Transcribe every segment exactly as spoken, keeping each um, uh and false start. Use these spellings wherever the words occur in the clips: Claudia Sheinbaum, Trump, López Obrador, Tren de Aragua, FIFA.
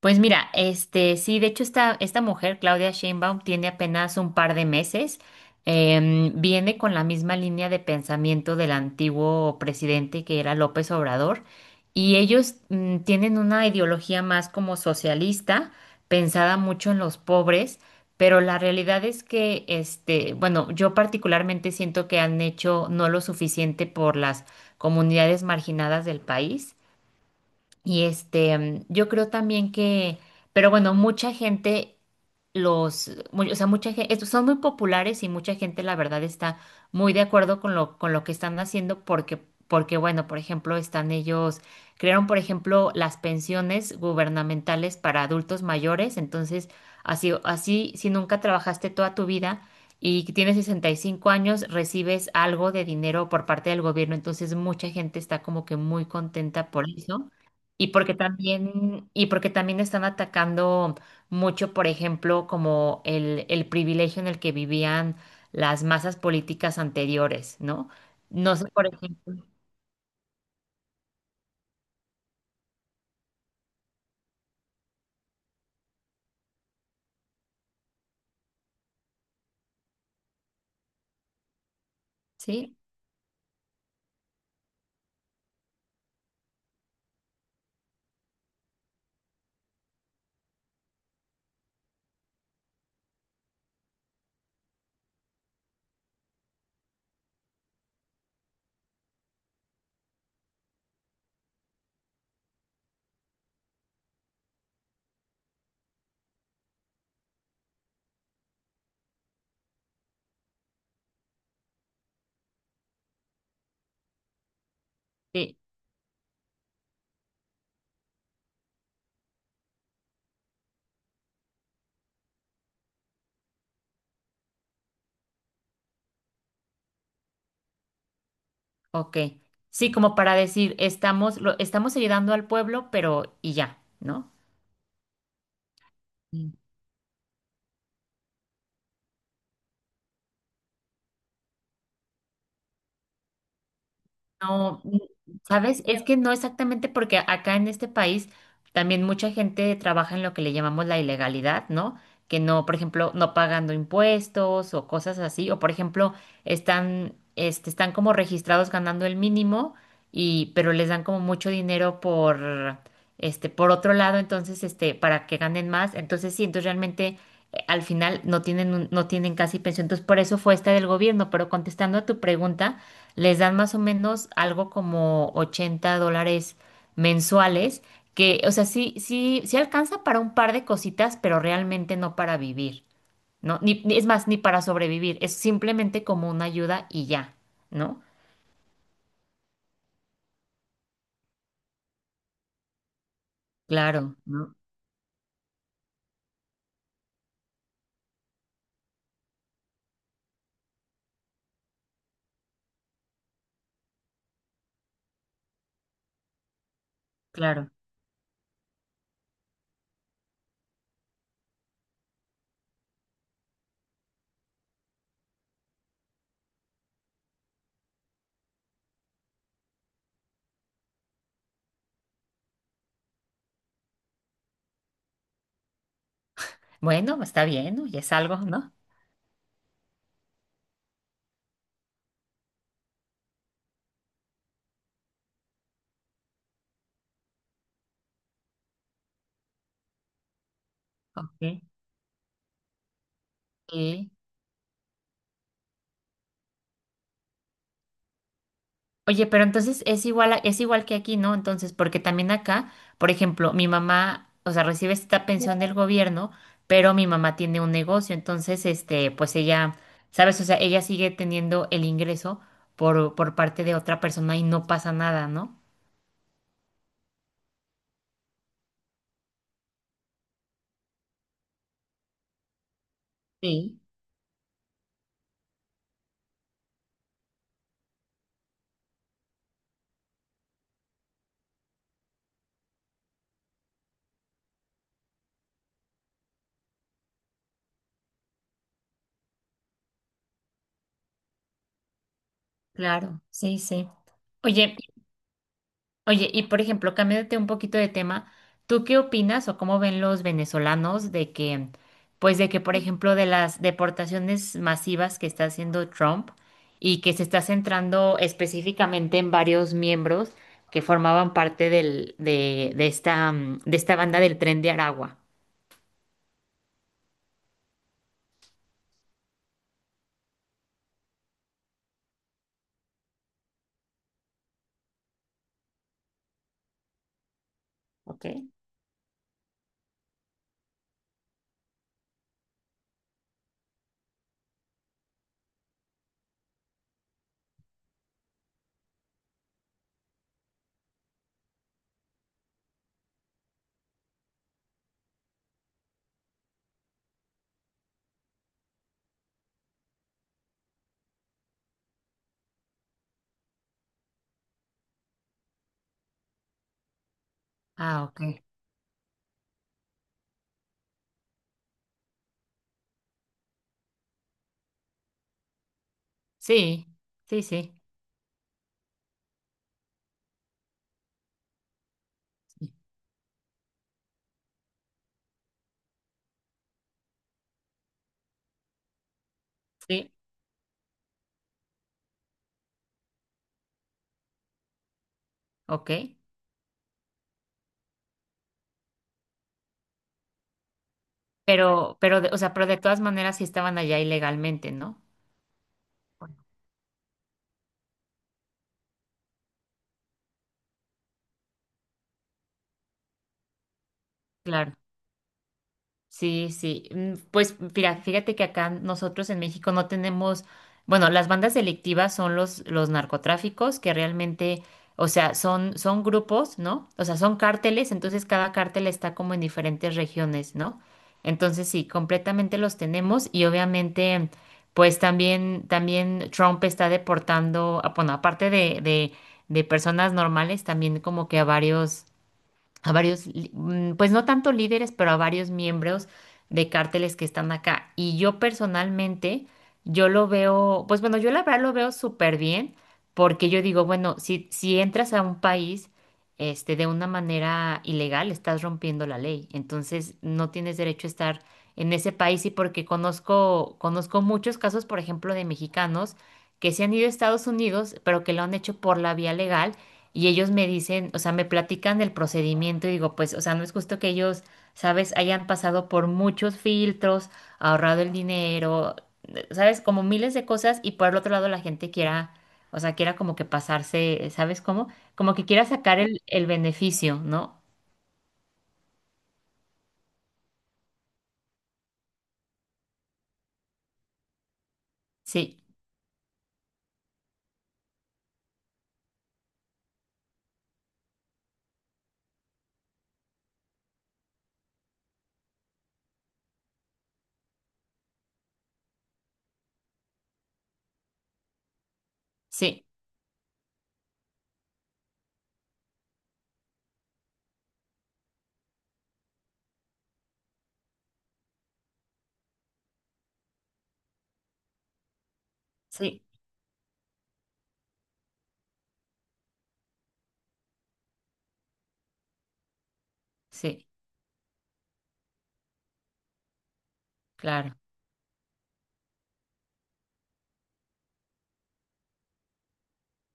Pues mira, este, sí, de hecho esta, esta mujer, Claudia Sheinbaum, tiene apenas un par de meses, em, viene con la misma línea de pensamiento del antiguo presidente que era López Obrador, y ellos mm, tienen una ideología más como socialista, pensada mucho en los pobres, pero la realidad es que, este, bueno, yo particularmente siento que han hecho no lo suficiente por las comunidades marginadas del país. Y este, mm, yo creo también que, pero bueno, mucha gente los, mu- o sea, mucha gente, son muy populares y mucha gente, la verdad, está muy de acuerdo con lo, con lo que están haciendo porque, porque, bueno, por ejemplo, están ellos, crearon, por ejemplo, las pensiones gubernamentales para adultos mayores, entonces, así, así, si nunca trabajaste toda tu vida y que tienes sesenta y cinco años, recibes algo de dinero por parte del gobierno, entonces mucha gente está como que muy contenta por eso. Y porque también, y porque también están atacando mucho, por ejemplo, como el, el privilegio en el que vivían las masas políticas anteriores, ¿no? No sé, por ejemplo, ¿sí? Sí, ok. Sí, como para decir, estamos, lo, estamos ayudando al pueblo, pero y ya, ¿no? No, mm, ¿sabes? Es que no exactamente porque acá en este país también mucha gente trabaja en lo que le llamamos la ilegalidad, ¿no? Que no, por ejemplo, no pagando impuestos o cosas así, o por ejemplo, están, este, están como registrados ganando el mínimo y, pero les dan como mucho dinero por, este, por otro lado, entonces, este, para que ganen más. Entonces, sí, entonces realmente eh, al final no tienen, un- no tienen casi pensión. Entonces, por eso fue esta del gobierno, pero contestando a tu pregunta les dan más o menos algo como ochenta dólares mensuales, que, o sea, sí, sí, sí alcanza para un par de cositas, pero realmente no para vivir, ¿no? Ni, ni- es más, ni para sobrevivir, es simplemente como una ayuda y ya, ¿no? Claro, ¿no? Claro. Bueno, está bien, ¿no? Y es algo, ¿no? Ok. Ok. Oye, pero entonces es igual, a- es igual que aquí, ¿no? Entonces, porque también acá, por ejemplo, mi mamá, o sea, recibe esta pensión del gobierno, pero mi mamá tiene un negocio, entonces, este, pues ella, ¿sabes? O sea, ella sigue teniendo el ingreso por, por parte de otra persona y no pasa nada, ¿no? Sí. Claro, sí, sí. Oye, Oye, y por ejemplo, cambiándote un poquito de tema, ¿tú qué opinas o cómo ven los venezolanos de que, pues de que, por ejemplo, de las deportaciones masivas que está haciendo Trump y que se está centrando específicamente en varios miembros que formaban parte del, de, de esta, mm, de esta banda del Tren de Aragua? ¿Ok? Ah, ok. Sí, sí, sí. Sí, sí, ok. Pero, pero, de- o sea, pero de todas maneras sí estaban allá ilegalmente, ¿no? Bueno. Claro. Sí, sí. Mm, Pues mira, fíjate que acá nosotros en México no tenemos, bueno, las bandas delictivas son los, los narcotráficos que realmente, o sea, son, son grupos, ¿no? O sea, son cárteles, entonces cada cártel está como en diferentes regiones, ¿no? Entonces sí, completamente los tenemos y obviamente, pues también, también Trump está deportando, ah, bueno, aparte de, de, de personas normales, también como que a varios a varios, li- mm, pues no tanto líderes, pero a varios miembros de cárteles que están acá. Y yo personalmente, yo lo veo, pues bueno, yo la verdad lo veo súper bien, porque yo digo, bueno, si, si entras a un país, este, de una manera ilegal, estás rompiendo la ley. Entonces, no tienes derecho a estar en ese país y porque conozco, conozco muchos casos, por ejemplo, de mexicanos que se han ido a Estados Unidos, pero que lo han hecho por la vía legal y ellos me dicen, o sea, me platican del procedimiento y digo, pues, o sea, no es justo que ellos, sabes, hayan pasado por muchos filtros, ahorrado el dinero, sabes, como miles de cosas y por el otro lado la gente quiera, o sea, quiera como que pasarse, ¿sabes cómo? Como que quiera sacar el, el beneficio, ¿no? Sí, sí, sí, sí, claro.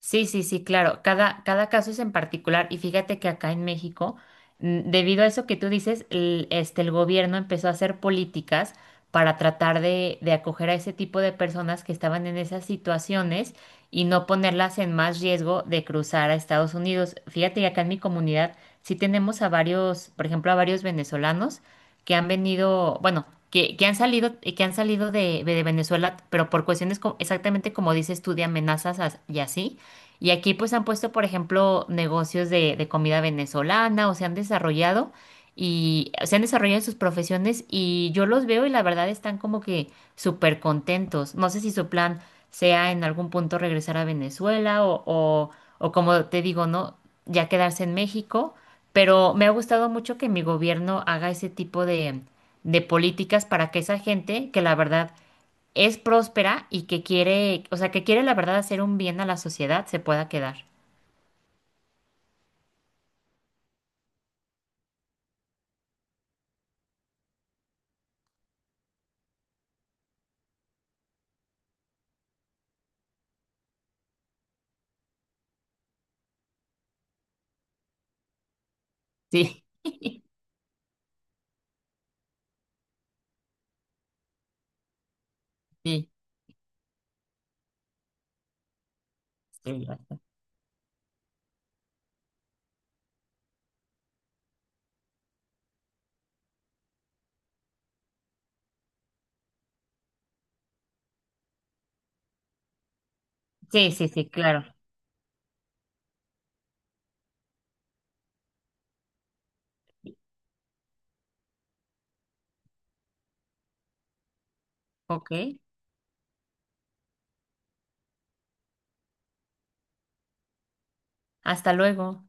Sí, sí, sí, claro. Cada, cada caso es en particular. Y fíjate que acá en México, mm, debido a eso que tú dices, el, este, el gobierno empezó a hacer políticas para tratar de, de acoger a ese tipo de personas que estaban en esas situaciones y no ponerlas en más riesgo de cruzar a Estados Unidos. Fíjate que acá en mi comunidad sí tenemos a varios, por ejemplo, a varios venezolanos que han venido, bueno, que, que han salido, eh, que han salido de, de Venezuela, pero por cuestiones co- exactamente como dices tú, de amenazas as- y así. Y aquí pues han puesto, por ejemplo, negocios de, de comida venezolana o se han desarrollado y se han desarrollado en sus profesiones y yo los veo y la verdad están como que súper contentos. No sé si su plan sea en algún punto regresar a Venezuela o, o, o como te digo, ¿no? Ya quedarse en México, pero me ha gustado mucho que mi gobierno haga ese tipo de, de políticas para que esa gente, que la verdad es próspera y que quiere, o sea, que quiere la verdad hacer un bien a la sociedad, se pueda quedar. Sí, sí, sí, sí, sí, sí, claro. Ok, hasta luego.